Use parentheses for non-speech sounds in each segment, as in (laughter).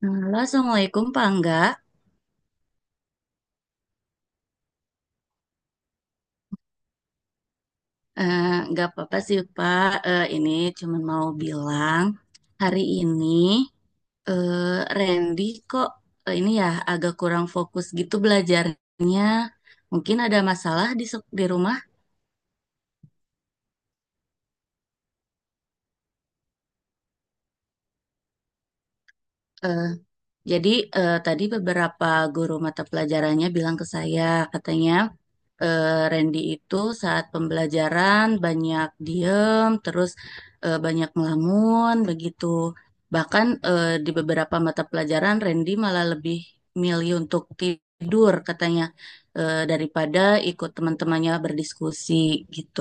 Halo, Assalamualaikum Pak Angga. Eh, nggak apa-apa sih Pak. Ini cuman mau bilang hari ini eh, Randy kok ini ya agak kurang fokus gitu belajarnya. Mungkin ada masalah di di rumah. Eh, jadi tadi beberapa guru mata pelajarannya bilang ke saya katanya. Randy itu saat pembelajaran banyak diem, terus banyak ngelamun begitu. Bahkan di beberapa mata pelajaran Randy malah lebih milih untuk tidur katanya daripada ikut teman-temannya berdiskusi gitu.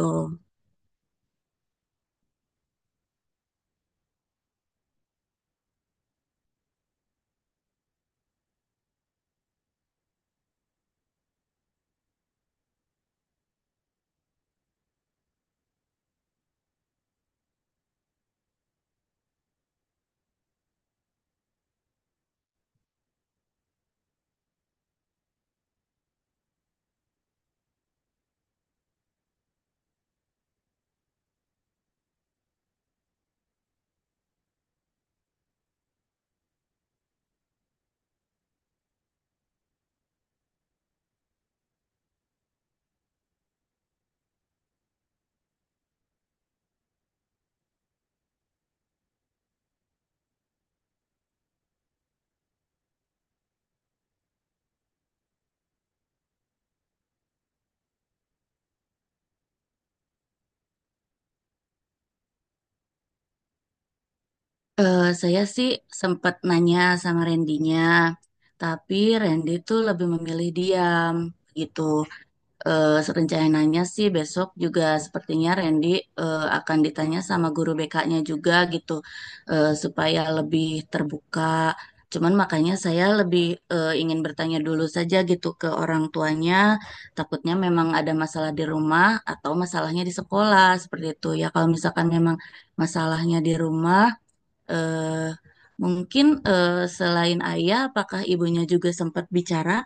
Saya sih sempat nanya sama Randinya, tapi Randy tuh lebih memilih diam gitu. Rencananya sih besok juga sepertinya Randy akan ditanya sama guru BK-nya juga gitu supaya lebih terbuka. Cuman makanya saya lebih ingin bertanya dulu saja gitu ke orang tuanya, takutnya memang ada masalah di rumah atau masalahnya di sekolah seperti itu. Ya kalau misalkan memang masalahnya di rumah, eh, mungkin selain ayah, apakah ibunya juga sempat bicara?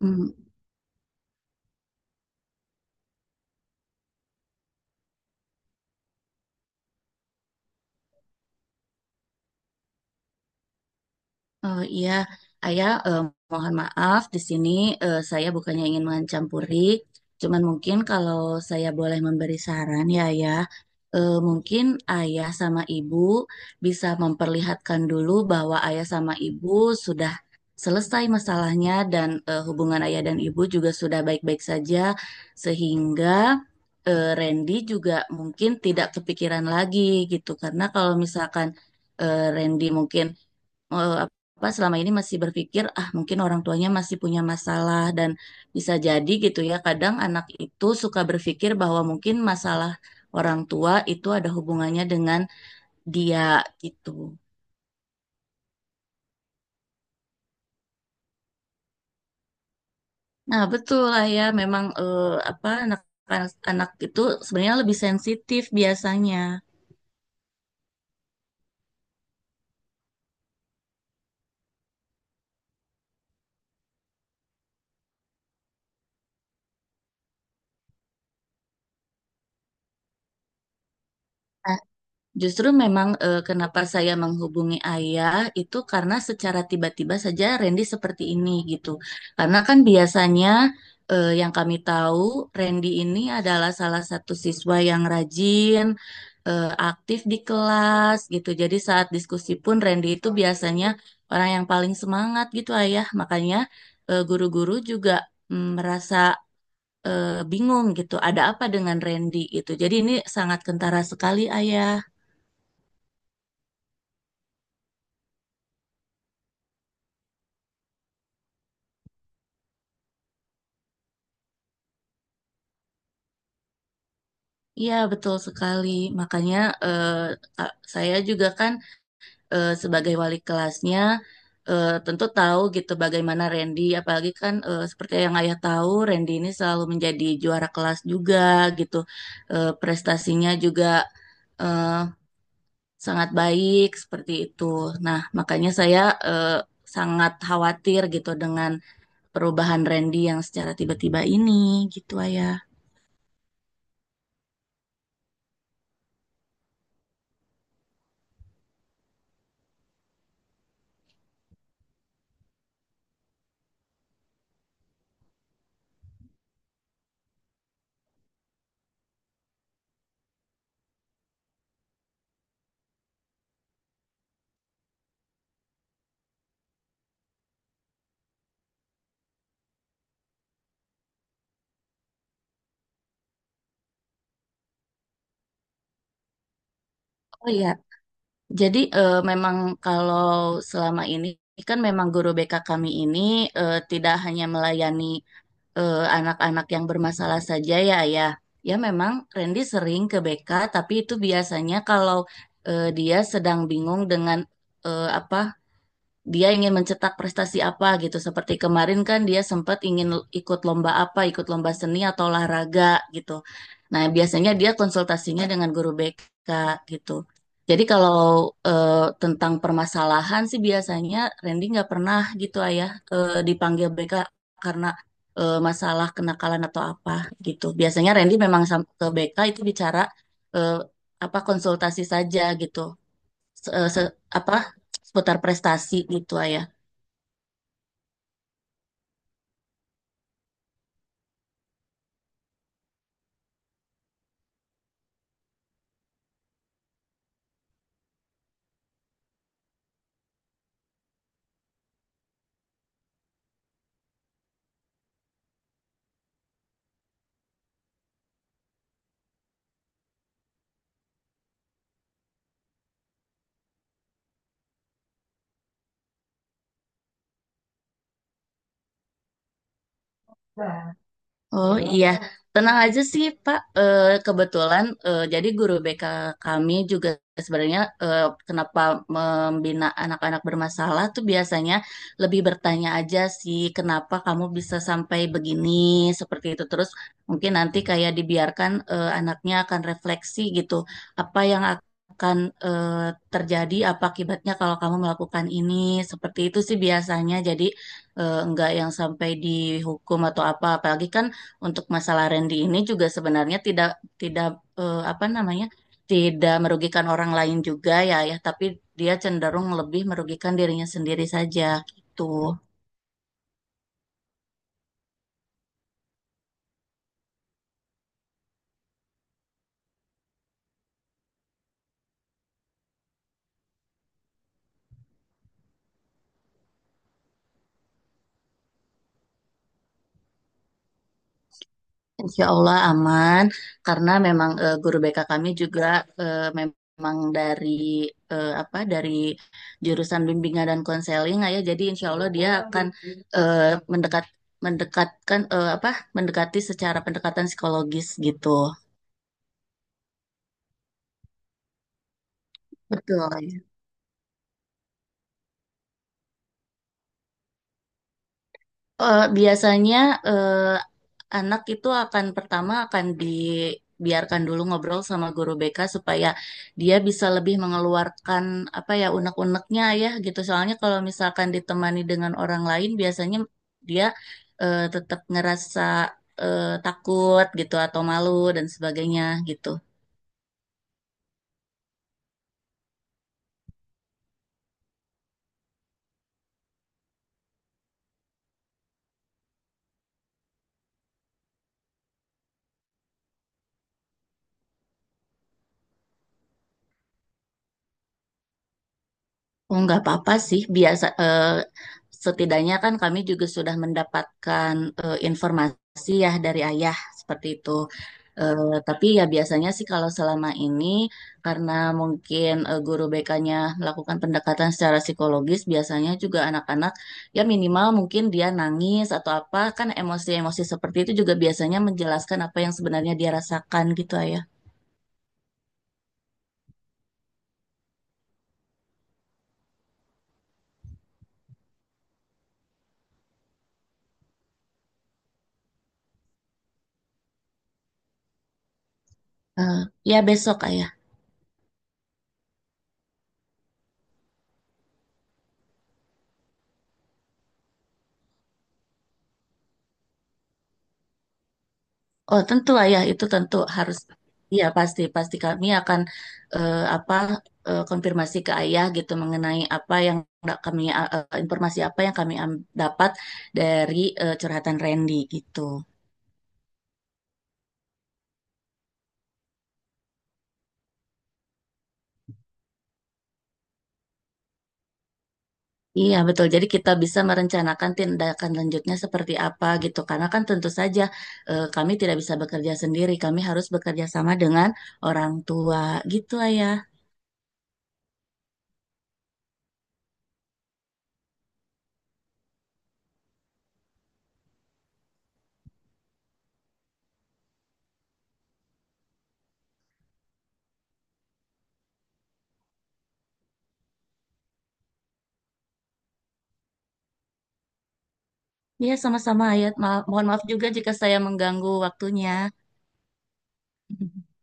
Hmm. Oh iya, Ayah, mohon maaf di sini saya bukannya ingin mencampuri, cuman mungkin kalau saya boleh memberi saran ya Ayah, mungkin Ayah sama Ibu bisa memperlihatkan dulu bahwa Ayah sama Ibu sudah selesai masalahnya dan hubungan Ayah dan Ibu juga sudah baik-baik saja, sehingga Randy juga mungkin tidak kepikiran lagi gitu, karena kalau misalkan Randy mungkin eh, apa selama ini masih berpikir ah mungkin orang tuanya masih punya masalah dan bisa jadi gitu ya kadang anak itu suka berpikir bahwa mungkin masalah orang tua itu ada hubungannya dengan dia gitu. Nah, betul lah ya memang apa anak anak itu sebenarnya lebih sensitif biasanya. Justru memang kenapa saya menghubungi ayah itu karena secara tiba-tiba saja Randy seperti ini gitu. Karena kan biasanya yang kami tahu Randy ini adalah salah satu siswa yang rajin, aktif di kelas gitu. Jadi saat diskusi pun Randy itu biasanya orang yang paling semangat gitu ayah. Makanya guru-guru juga mm, merasa bingung gitu, ada apa dengan Randy gitu. Jadi ini sangat kentara sekali ayah. Iya, betul sekali. Makanya eh, saya juga kan sebagai wali kelasnya tentu tahu gitu bagaimana Randy, apalagi kan seperti yang ayah tahu, Randy ini selalu menjadi juara kelas juga gitu. Prestasinya juga eh, sangat baik seperti itu. Nah, makanya saya eh, sangat khawatir gitu dengan perubahan Randy yang secara tiba-tiba ini gitu, ayah. Oh iya, jadi memang kalau selama ini kan memang guru BK kami ini tidak hanya melayani anak-anak yang bermasalah saja ya ya. Ya memang Randy sering ke BK tapi itu biasanya kalau dia sedang bingung dengan apa dia ingin mencetak prestasi apa gitu. Seperti kemarin kan dia sempat ingin ikut lomba apa, ikut lomba seni atau olahraga gitu. Nah, biasanya dia konsultasinya dengan guru BK gitu. Jadi kalau tentang permasalahan sih biasanya Randy nggak pernah gitu ayah dipanggil BK karena masalah kenakalan atau apa gitu. Biasanya Randy memang ke BK itu bicara eh, apa konsultasi saja gitu se- eh, se- apa seputar prestasi gitu ya. Oh iya, tenang aja sih Pak. Kebetulan jadi guru BK kami juga sebenarnya kenapa membina anak-anak bermasalah tuh biasanya lebih bertanya aja sih kenapa kamu bisa sampai begini seperti itu. Terus mungkin nanti kayak dibiarkan anaknya akan refleksi gitu apa yang akan terjadi apa akibatnya kalau kamu melakukan ini seperti itu sih biasanya. Jadi enggak yang sampai dihukum atau apa. Apalagi kan untuk masalah Randy ini juga sebenarnya tidak tidak apa namanya tidak merugikan orang lain juga ya ya tapi dia cenderung lebih merugikan dirinya sendiri saja gitu. Insya Allah aman karena memang guru BK kami juga memang dari apa dari jurusan bimbingan dan konseling ya jadi insya Allah dia akan eh, mendekat mendekatkan apa mendekati secara pendekatan psikologis gitu. Betul. Biasanya eh, anak itu akan pertama akan dibiarkan dulu ngobrol sama guru BK supaya dia bisa lebih mengeluarkan apa ya unek-uneknya ya gitu. Soalnya kalau misalkan ditemani dengan orang lain biasanya dia tetap ngerasa takut gitu atau malu dan sebagainya gitu. Oh, nggak apa-apa sih. Biasa, setidaknya kan kami juga sudah mendapatkan informasi ya dari ayah seperti itu. Tapi ya biasanya sih kalau selama ini karena mungkin guru BK-nya melakukan pendekatan secara psikologis, biasanya juga anak-anak ya minimal mungkin dia nangis atau apa kan emosi-emosi seperti itu juga biasanya menjelaskan apa yang sebenarnya dia rasakan gitu ayah. Eh, Ya besok ayah. Oh tentu lah ya itu tentu harus iya pasti pasti kami akan apa konfirmasi ke ayah gitu mengenai apa yang kami informasi apa yang kami dapat dari curhatan Randy gitu. Iya betul. Jadi kita bisa merencanakan tindakan lanjutnya seperti apa gitu. Karena kan tentu saja kami tidak bisa bekerja sendiri. Kami harus bekerja sama dengan orang tua gitu ayah. Iya sama-sama ayah. Mohon maaf juga jika saya mengganggu waktunya. (laughs)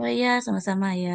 Oh iya, sama-sama ya.